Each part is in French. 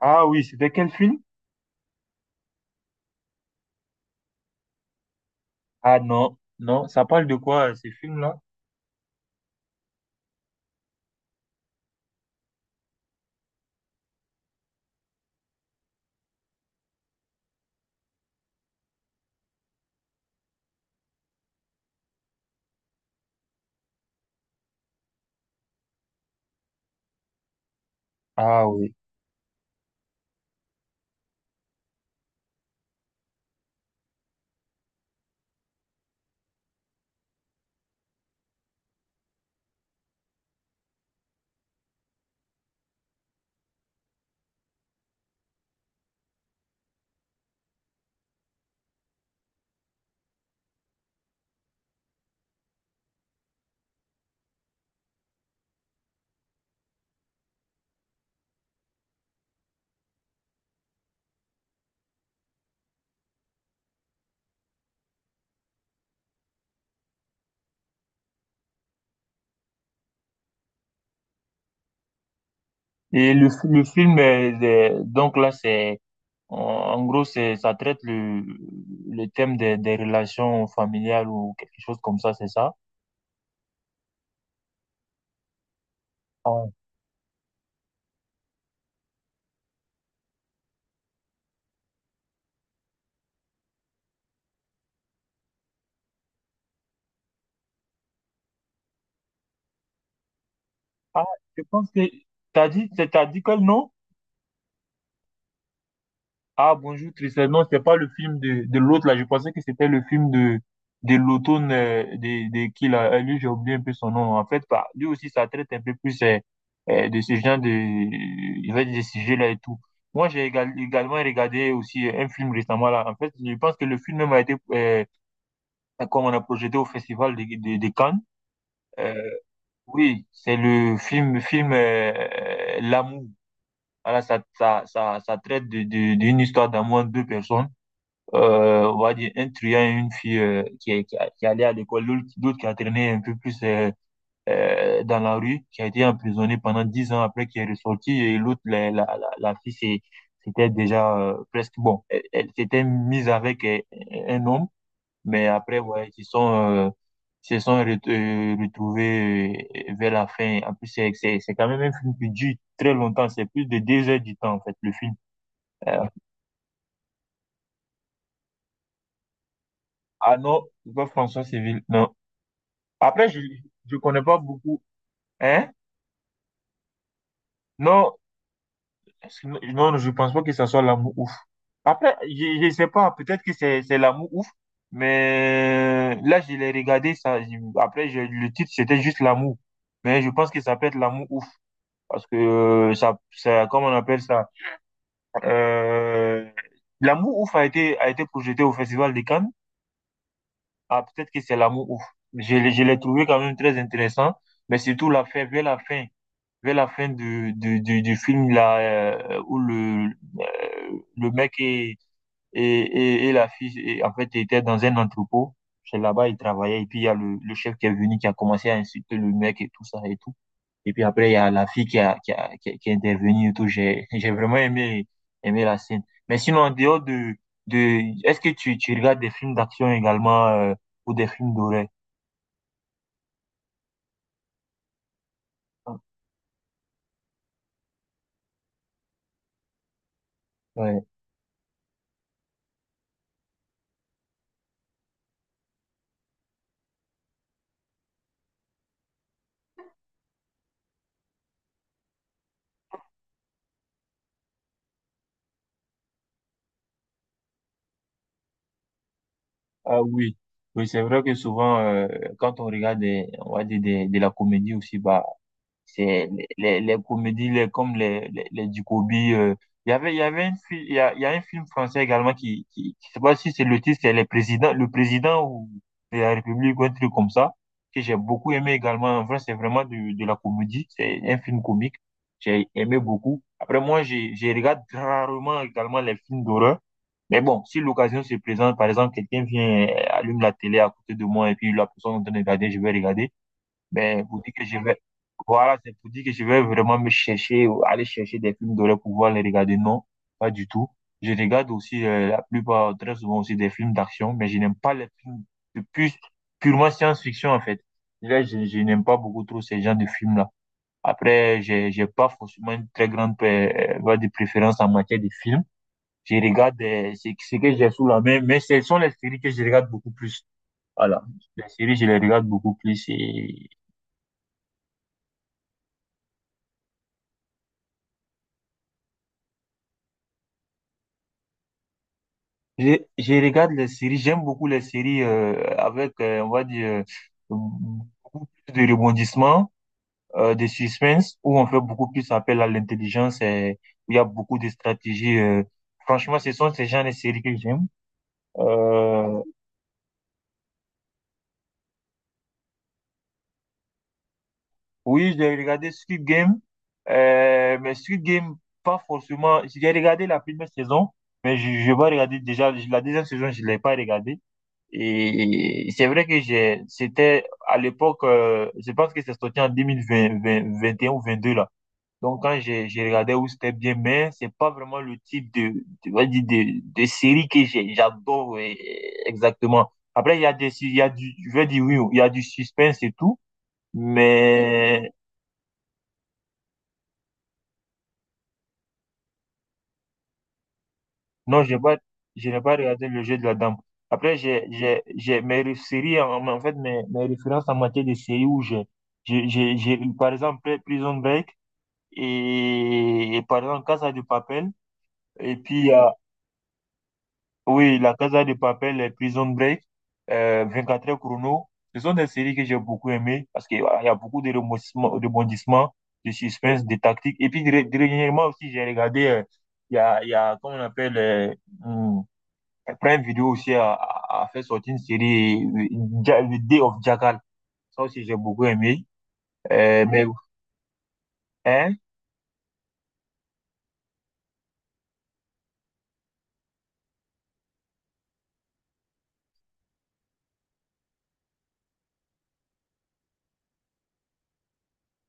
Ah oui, c'était quel film? Ah non, non, ça parle de quoi ces films-là? Ah oui. Et le film, donc là, c'est, en gros, ça traite le thème des relations familiales ou quelque chose comme ça, c'est ça? Ah, ah, je pense que, t'as dit quel nom? Ah, bonjour Tristan. Non, c'était pas le film de l'autre là. Je pensais que c'était le film de l'automne de qui là. Lui, j'ai oublié un peu son nom. En fait, bah, lui aussi, ça traite un peu plus de ce genre de, je vais dire, de sujets là et tout. Moi, également regardé aussi un film récemment là. En fait, je pense que le film même a été, comme on a projeté au festival de Cannes. Euh, oui, c'est le film L'Amour. Voilà, ça traite d'une histoire d'amour entre deux personnes on va dire un truand et une fille qui, est- qui, a- qui allait à l'école, l'autre qui a traîné un peu plus dans la rue, qui a été emprisonné pendant 10 ans après qui est ressorti, et l'autre, la fille, c'était déjà presque bon. Elle, elle s'était mise avec un homme, mais après, ouais, ils se sont, ils se sont retrouvés vers la fin. En plus, c'est quand même un film qui dure très longtemps, c'est plus de 2 heures du temps, en fait, le film. Euh, ah non, c'est pas François Civil, non. Après, je connais pas beaucoup. Hein? Non, non, je pense pas que ça soit l'amour ouf. Après, je sais pas, peut-être que c'est l'amour ouf, mais là, je l'ai regardé, ça, je- après, je- le titre, c'était juste l'amour. Mais je pense que ça peut être l'amour ouf, parce que comment on appelle ça? Euh, L'amour ouf a été projeté au Festival de Cannes. Ah, peut-être que c'est l'amour ouf. Je l'ai trouvé quand même très intéressant, mais surtout la fin, vers la fin. Vers la fin du film là où le mec et et la fille et, en fait était dans un entrepôt, c'est là-bas il travaillait, et puis il y a le chef qui est venu qui a commencé à insulter le mec et tout ça et tout, et puis après il y a la fille qui est intervenue et tout. J'ai j'ai vraiment aimé la scène, mais sinon en dehors de est-ce que tu regardes des films d'action également ou des films d'horreur? Ouais. Ah oui, oui, c'est vrai que souvent, quand on regarde des, on va dire des, de la comédie aussi, bah, c'est les comédies les, comme les Ducobi. Il y avait, il y avait une, fi- il y a un film français également qui, je sais pas si c'est le titre, c'est les présidents, le président ou de la République ou un truc comme ça, que j'ai beaucoup aimé également. En vrai, c'est vraiment de la comédie. C'est un film comique. J'ai aimé beaucoup. Après, moi, j'ai regarde rarement également les films d'horreur. Mais bon, si l'occasion se présente, par exemple, quelqu'un vient, allume la télé à côté de moi et puis la personne est en train de regarder, je vais regarder. Ben, vous dire que je vais, voilà, c'est pour dire que je vais vraiment me chercher, ou aller chercher des films d'horreur pour pouvoir les regarder. Non, pas du tout. Je regarde aussi, la plupart, très souvent aussi des films d'action, mais je n'aime pas les films de plus, purement science-fiction, en fait. Là, je n'aime pas beaucoup trop ces genres de films-là. Après, j'ai pas forcément une très grande, voie de préférence en matière de films. Je regarde ce que j'ai sous la main, mais ce sont les séries que je regarde beaucoup plus. Voilà. Les séries, je les regarde beaucoup plus. Et je regarde les séries, j'aime beaucoup les séries avec, on va dire, beaucoup plus de rebondissements, de suspense, où on fait beaucoup plus appel à l'intelligence et où il y a beaucoup de stratégies. Franchement, ce sont ces genres de séries que j'aime. Euh, Oui, j'ai regardé Squid Game, mais Squid Game, pas forcément. J'ai regardé la première saison, mais je vais regarder déjà la deuxième saison, je l'ai pas regardée. Et c'est vrai que c'était à l'époque, je pense que c'est sorti en deux mille vingt vingt vingt et un ou 22 là. Donc quand j'ai regardé où c'était bien, mais c'est pas vraiment le type de, on va dire de série que j'adore exactement. Après, il y a des, il y a du, je vais dire oui, il y a du suspense et tout. Mais non, j'ai pas, je n'ai pas regardé le jeu de la dame. Après, j'ai mes ré- séries, en, en fait, mes références en matière de séries où j'ai, par exemple, Prison Break et par exemple, Casa de Papel. Et puis, il y a- oui, la Casa de Papel, et Prison Break, 24 heures chrono. Ce sont des séries que j'ai beaucoup aimées parce qu'il y a beaucoup de rebondissements, de suspense, de tactique. Et puis, dernièrement aussi, j'ai regardé, comment on appelle, hmm, Prime Video aussi a fait sortir une série, The Day of Jackal. Ça aussi, j'ai beaucoup aimé. Euh, mais, hein?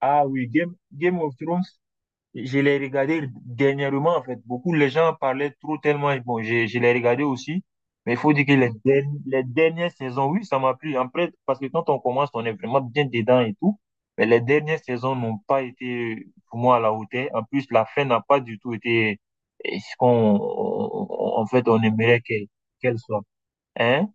Ah oui, Game of Thrones. Je l'ai regardé dernièrement, en fait. Beaucoup, les gens parlaient trop tellement. Bon, je l'ai regardé aussi. Mais il faut dire que les dernières saisons, oui, ça m'a plu. Après, parce que quand on commence, on est vraiment bien dedans et tout. Mais les dernières saisons n'ont pas été, pour moi, à la hauteur. En plus, la fin n'a pas du tout été eh, ce qu'on, en fait, on aimerait qu'elle soit. Hein?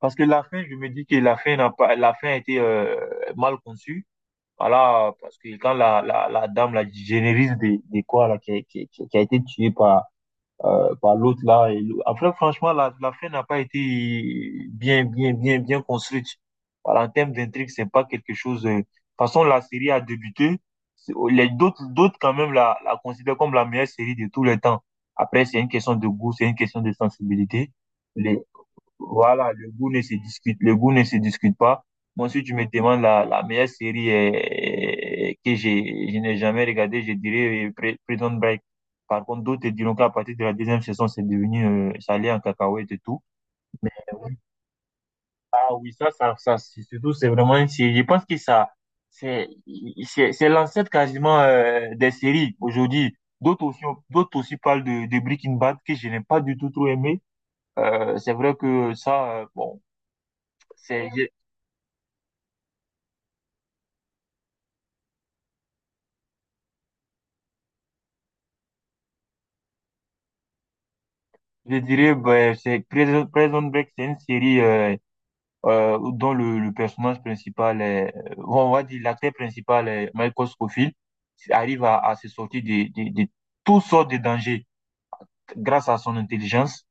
Parce que la fin, je me dis que la fin n'a pas, la fin a été mal conçue. Voilà, parce que quand la dame, la génériste des quoi, là, qui a été tuée par, par l'autre, là, et après, franchement, la fin n'a pas été bien construite. Voilà, en termes d'intrigue, c'est pas quelque chose, de toute façon, la série a débuté. Les d'autres, d'autres, quand même, la considèrent comme la meilleure série de tous les temps. Après, c'est une question de goût, c'est une question de sensibilité. Les, voilà, le goût ne se discute pas. Bon, si tu me demandes la meilleure série je n'ai jamais regardée, je dirais Prison Break. Par contre, d'autres te diront qu'à partir de la deuxième saison, c'est devenu, ça allait en cacahuète et tout. Euh, oui, Ah oui, surtout, c'est vraiment, une série- je pense que ça, c'est, c'est l'ancêtre quasiment des séries aujourd'hui. D'autres aussi, d'autres aussi parlent de Breaking Bad que je n'ai pas du tout trop aimé. C'est vrai que ça, bon, c'est, je dirais, ben, c'est Prison Break, c'est une série dont le personnage principal est, on va dire l'acteur principal est Michael Scofield, qui arrive à se sortir de toutes sortes de dangers grâce à son intelligence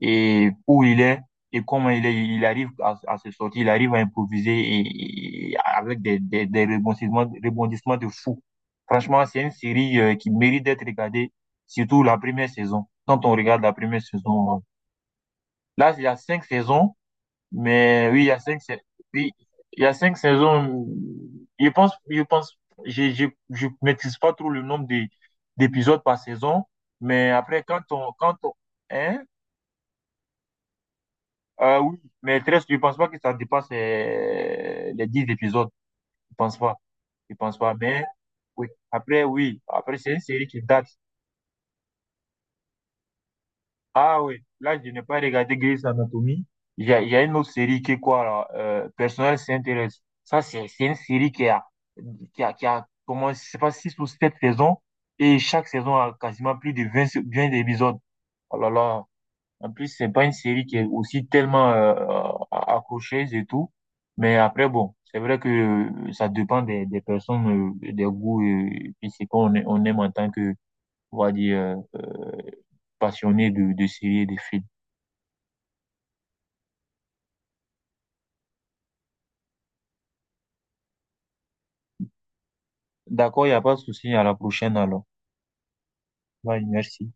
et où il est et comment il est. Il arrive à se sortir, il arrive à improviser et avec des rebondissements de fou. Franchement, c'est une série qui mérite d'être regardée, surtout la première saison. Quand on regarde la première saison, là, il y a cinq saisons, mais oui, il y a cinq, sais- oui, il y a cinq saisons. Je pense, je pense, je maîtrise pas trop le nombre d'épisodes par saison, mais après, quand on, hein, oui, mais 13, je pense pas que ça dépasse les 10 épisodes. Je pense pas, je pense pas, mais oui, oui, après, c'est une série qui date. Ah oui, là, je n'ai pas regardé Grey's Anatomy. Il y a une autre série qui est quoi, là? Personnel s'intéresse. Ça, c'est une série qui a comment, je sais pas, six ou sept saisons. Et chaque saison a quasiment plus de 20 épisodes. Oh là là. En plus, c'est pas une série qui est aussi tellement accrocheuse et tout. Mais après, bon, c'est vrai que ça dépend des personnes, des goûts, et c'est qu'on on aime en tant que, on va dire, passionné de séries et de films. D'accord, il n'y a pas de souci. À la prochaine alors. Bye, merci.